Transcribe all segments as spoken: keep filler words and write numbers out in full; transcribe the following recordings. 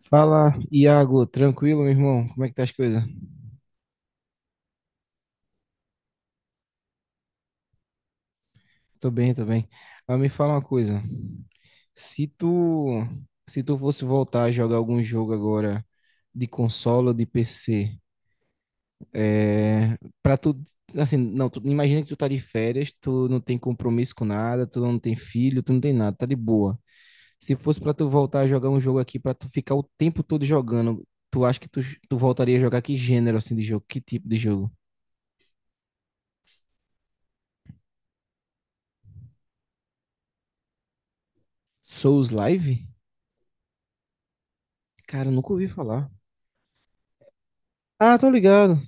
Fala, Iago, tranquilo, meu irmão? Como é que tá as coisas? Tô bem, tô bem. Mas me fala uma coisa. Se tu, se tu fosse voltar a jogar algum jogo agora de console ou de P C, é, para tu, assim, não, tu, imagina que tu tá de férias, tu não tem compromisso com nada, tu não tem filho, tu não tem nada, tá de boa. Se fosse pra tu voltar a jogar um jogo aqui, pra tu ficar o tempo todo jogando, tu acha que tu, tu voltaria a jogar que gênero assim de jogo? Que tipo de jogo? Souls Live? Cara, eu nunca ouvi falar. Ah, tô ligado.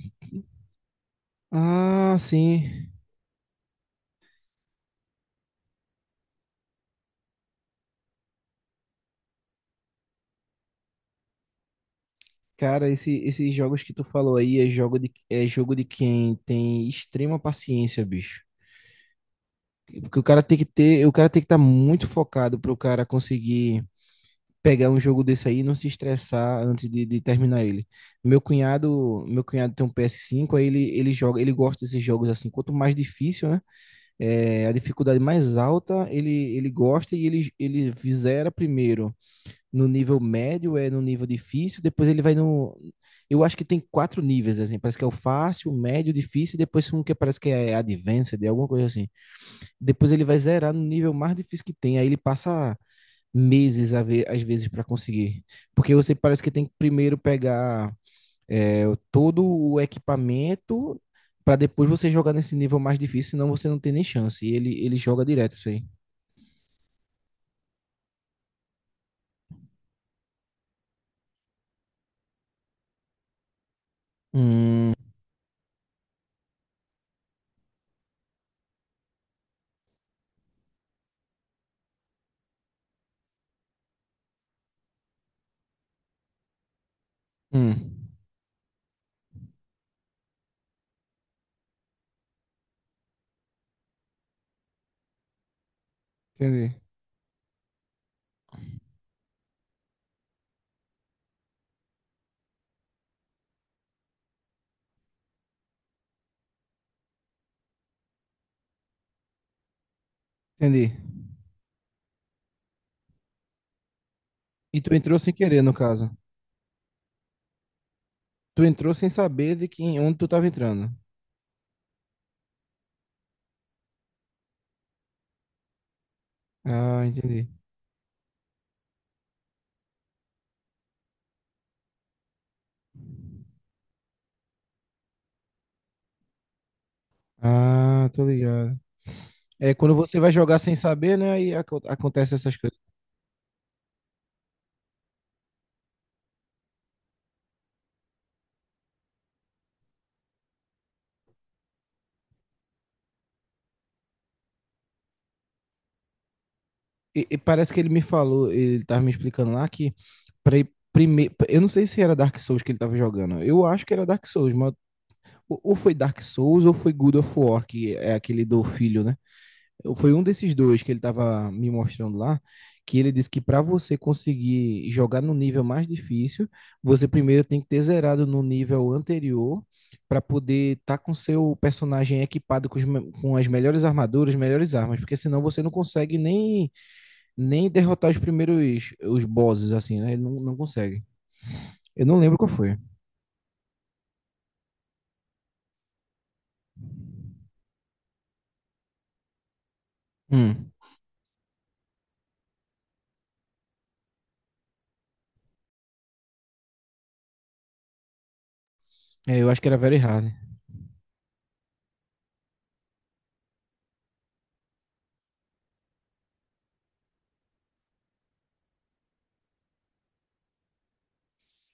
Ah, sim. Cara, esse, esses jogos que tu falou aí é jogo de, é jogo de quem tem extrema paciência, bicho. Porque o cara tem que ter, o cara tem que estar muito focado para o cara conseguir pegar um jogo desse aí e não se estressar antes de, de terminar ele. Meu cunhado, meu cunhado tem um P S cinco, aí ele, ele joga, ele gosta desses jogos assim. Quanto mais difícil, né? É, a dificuldade mais alta, ele, ele gosta e ele, ele zera primeiro. No nível médio, é no nível difícil, depois ele vai no. Eu acho que tem quatro níveis, assim. Parece que é o fácil, o médio, difícil, e depois um que parece que é advanced, é alguma coisa assim. Depois ele vai zerar no nível mais difícil que tem, aí ele passa meses a ver, às vezes para conseguir. Porque você parece que tem que primeiro pegar é, todo o equipamento para depois você jogar nesse nível mais difícil, senão você não tem nem chance. E ele, ele joga direto isso aí. Hum, hum. Entendi, entendi. E tu entrou sem querer, no caso. Tu entrou sem saber de quem, onde tu tava entrando. Ah, entendi. Ah, tô ligado. É, quando você vai jogar sem saber, né, aí aco- acontece essas coisas. E, e parece que ele me falou, ele tava me explicando lá que pra ir primeiro, eu não sei se era Dark Souls que ele tava jogando. Eu acho que era Dark Souls, mas ou ou foi Dark Souls ou foi God of War, que é aquele do filho, né? Foi um desses dois que ele estava me mostrando lá, que ele disse que para você conseguir jogar no nível mais difícil, você primeiro tem que ter zerado no nível anterior para poder estar com seu personagem equipado com, os me- com as melhores armaduras, melhores armas, porque senão você não consegue nem, nem derrotar os primeiros os bosses assim, né? Ele não, não consegue. Eu não lembro qual foi. Hum. É, eu acho que era Very Hard.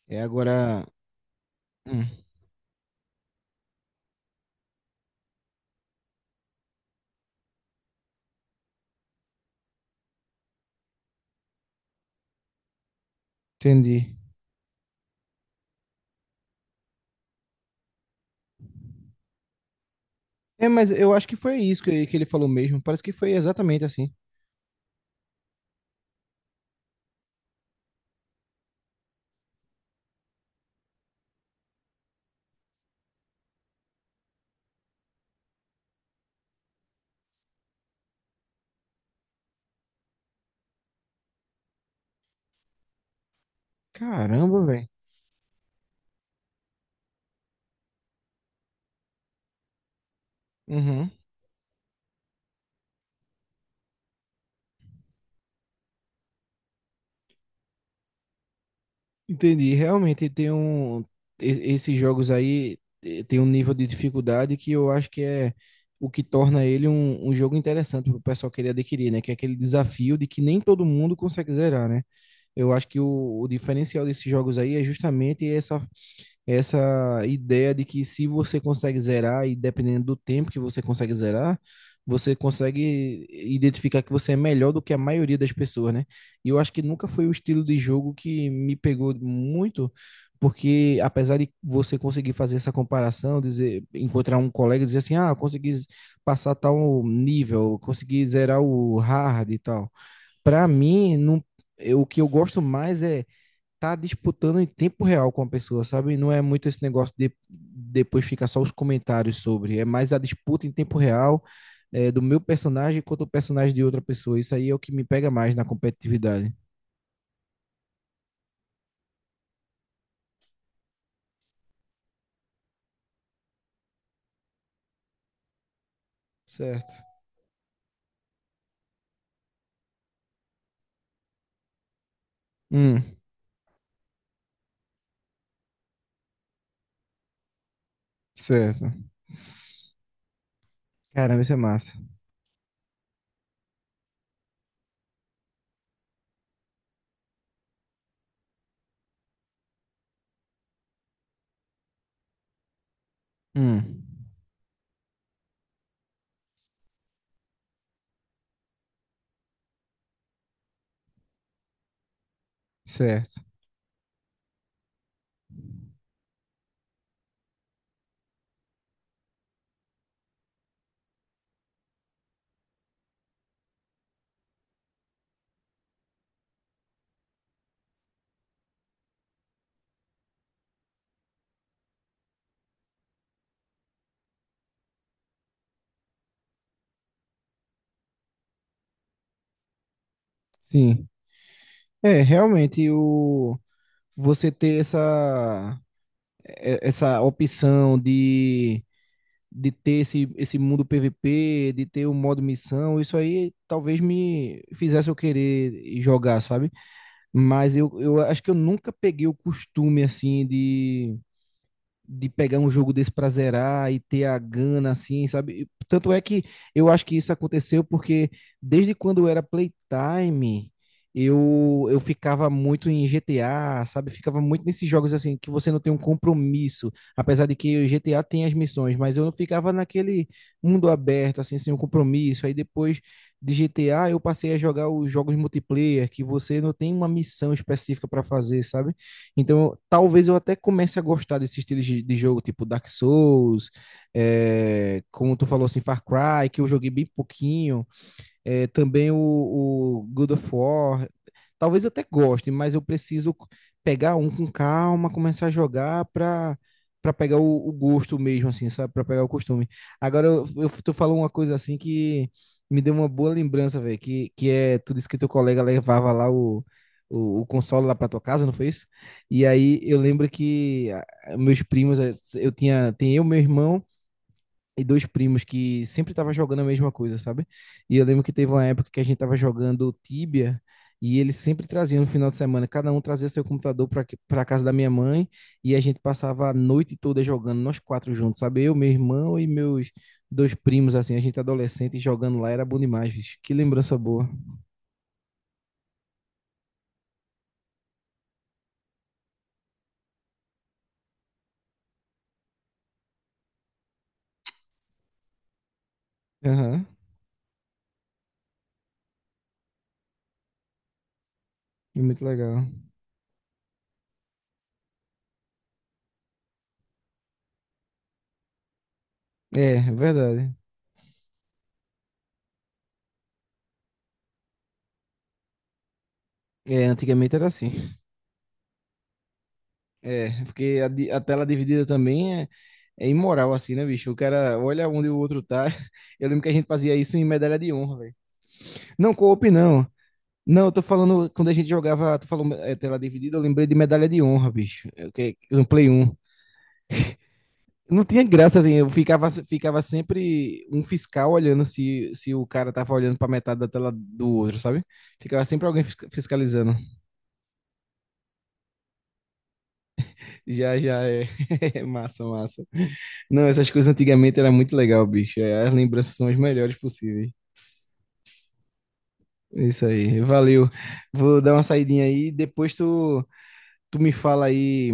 É agora. Hum, entendi. É, mas eu acho que foi isso que, que ele falou mesmo. Parece que foi exatamente assim. Caramba, velho. Uhum. Entendi. Realmente tem um. e- Esses jogos aí eh, tem um nível de dificuldade que eu acho que é o que torna ele um, um jogo interessante pro pessoal querer adquirir, né? Que é aquele desafio de que nem todo mundo consegue zerar, né? Eu acho que o, o diferencial desses jogos aí é justamente essa essa ideia de que se você consegue zerar, e dependendo do tempo que você consegue zerar, você consegue identificar que você é melhor do que a maioria das pessoas, né? E eu acho que nunca foi o estilo de jogo que me pegou muito, porque apesar de você conseguir fazer essa comparação, dizer, encontrar um colega e dizer assim, ah, consegui z- passar tal nível, consegui zerar o hard e tal. Para mim, não, eu, o que eu gosto mais é tá disputando em tempo real com a pessoa, sabe? Não é muito esse negócio de depois ficar só os comentários sobre, é mais a disputa em tempo real é, do meu personagem contra o personagem de outra pessoa. Isso aí é o que me pega mais na competitividade. Certo. Hum, certo. Caramba, isso é massa. Hum, certo. Sim. É, realmente o você ter essa é- essa opção de de ter esse, esse mundo P V P, de ter o modo missão, isso aí talvez me fizesse eu querer jogar, sabe? Mas eu, eu acho que eu nunca peguei o costume, assim, de de pegar um jogo desse pra zerar e ter a gana, assim, sabe? Tanto é que eu acho que isso aconteceu porque desde quando eu era Playtime, eu, eu ficava muito em G T A, sabe? Ficava muito nesses jogos, assim, que você não tem um compromisso, apesar de que o G T A tem as missões, mas eu não ficava naquele mundo aberto, assim, sem um compromisso. Aí depois de G T A, eu passei a jogar os jogos multiplayer, que você não tem uma missão específica pra fazer, sabe? Então, talvez eu até comece a gostar desse estilo de, de jogo, tipo Dark Souls, é, como tu falou assim, Far Cry, que eu joguei bem pouquinho é, também o, o God of War. Talvez eu até goste, mas eu preciso pegar um com calma, começar a jogar para para pegar o, o, gosto mesmo, assim, sabe? Para pegar o costume. Agora eu, eu tu falou uma coisa assim que me deu uma boa lembrança, velho, que, que é, tu disse que teu colega levava lá o, o, o console lá para tua casa, não foi isso? E aí eu lembro que ah, meus primos, eh, eu tinha, tem eu, meu irmão e dois primos que sempre tava jogando a mesma coisa, sabe? E eu lembro que teve uma época que a gente tava jogando Tibia e eles sempre traziam no final de semana, cada um trazia seu computador para para casa da minha mãe e a gente passava a noite toda jogando nós quatro juntos, sabe? Eu, meu irmão e meus dois primos assim, a gente adolescente jogando lá era bom demais, bicho. Que lembrança boa. Aham. É muito legal. É, é verdade. É, antigamente era assim. É, porque a, di- a tela dividida também é, é imoral, assim, né, bicho? O cara olha onde o outro tá. Eu lembro que a gente fazia isso em medalha de honra, velho. Não, co-op não. Não, eu tô falando, quando a gente jogava, tu falou é, tela dividida, eu lembrei de medalha de honra, bicho. Eu, que, no Play um. Não tinha graça, assim, eu ficava, ficava sempre um fiscal olhando se, se o cara tava olhando pra metade da tela do outro, sabe? Ficava sempre alguém fisca- fiscalizando. Já, já, é. Massa, massa. Não, essas coisas antigamente era muito legal, bicho. É, as lembranças são as melhores possíveis. É, isso aí, valeu. Vou dar uma saidinha aí, depois tu, tu me fala aí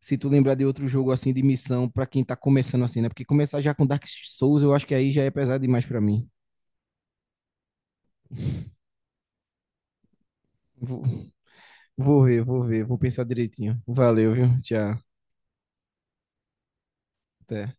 se tu lembrar de outro jogo assim de missão pra quem tá começando assim, né? Porque começar já com Dark Souls, eu acho que aí já é pesado demais pra mim. Vou, vou ver, vou ver, vou pensar direitinho. Valeu, viu? Tchau. Até.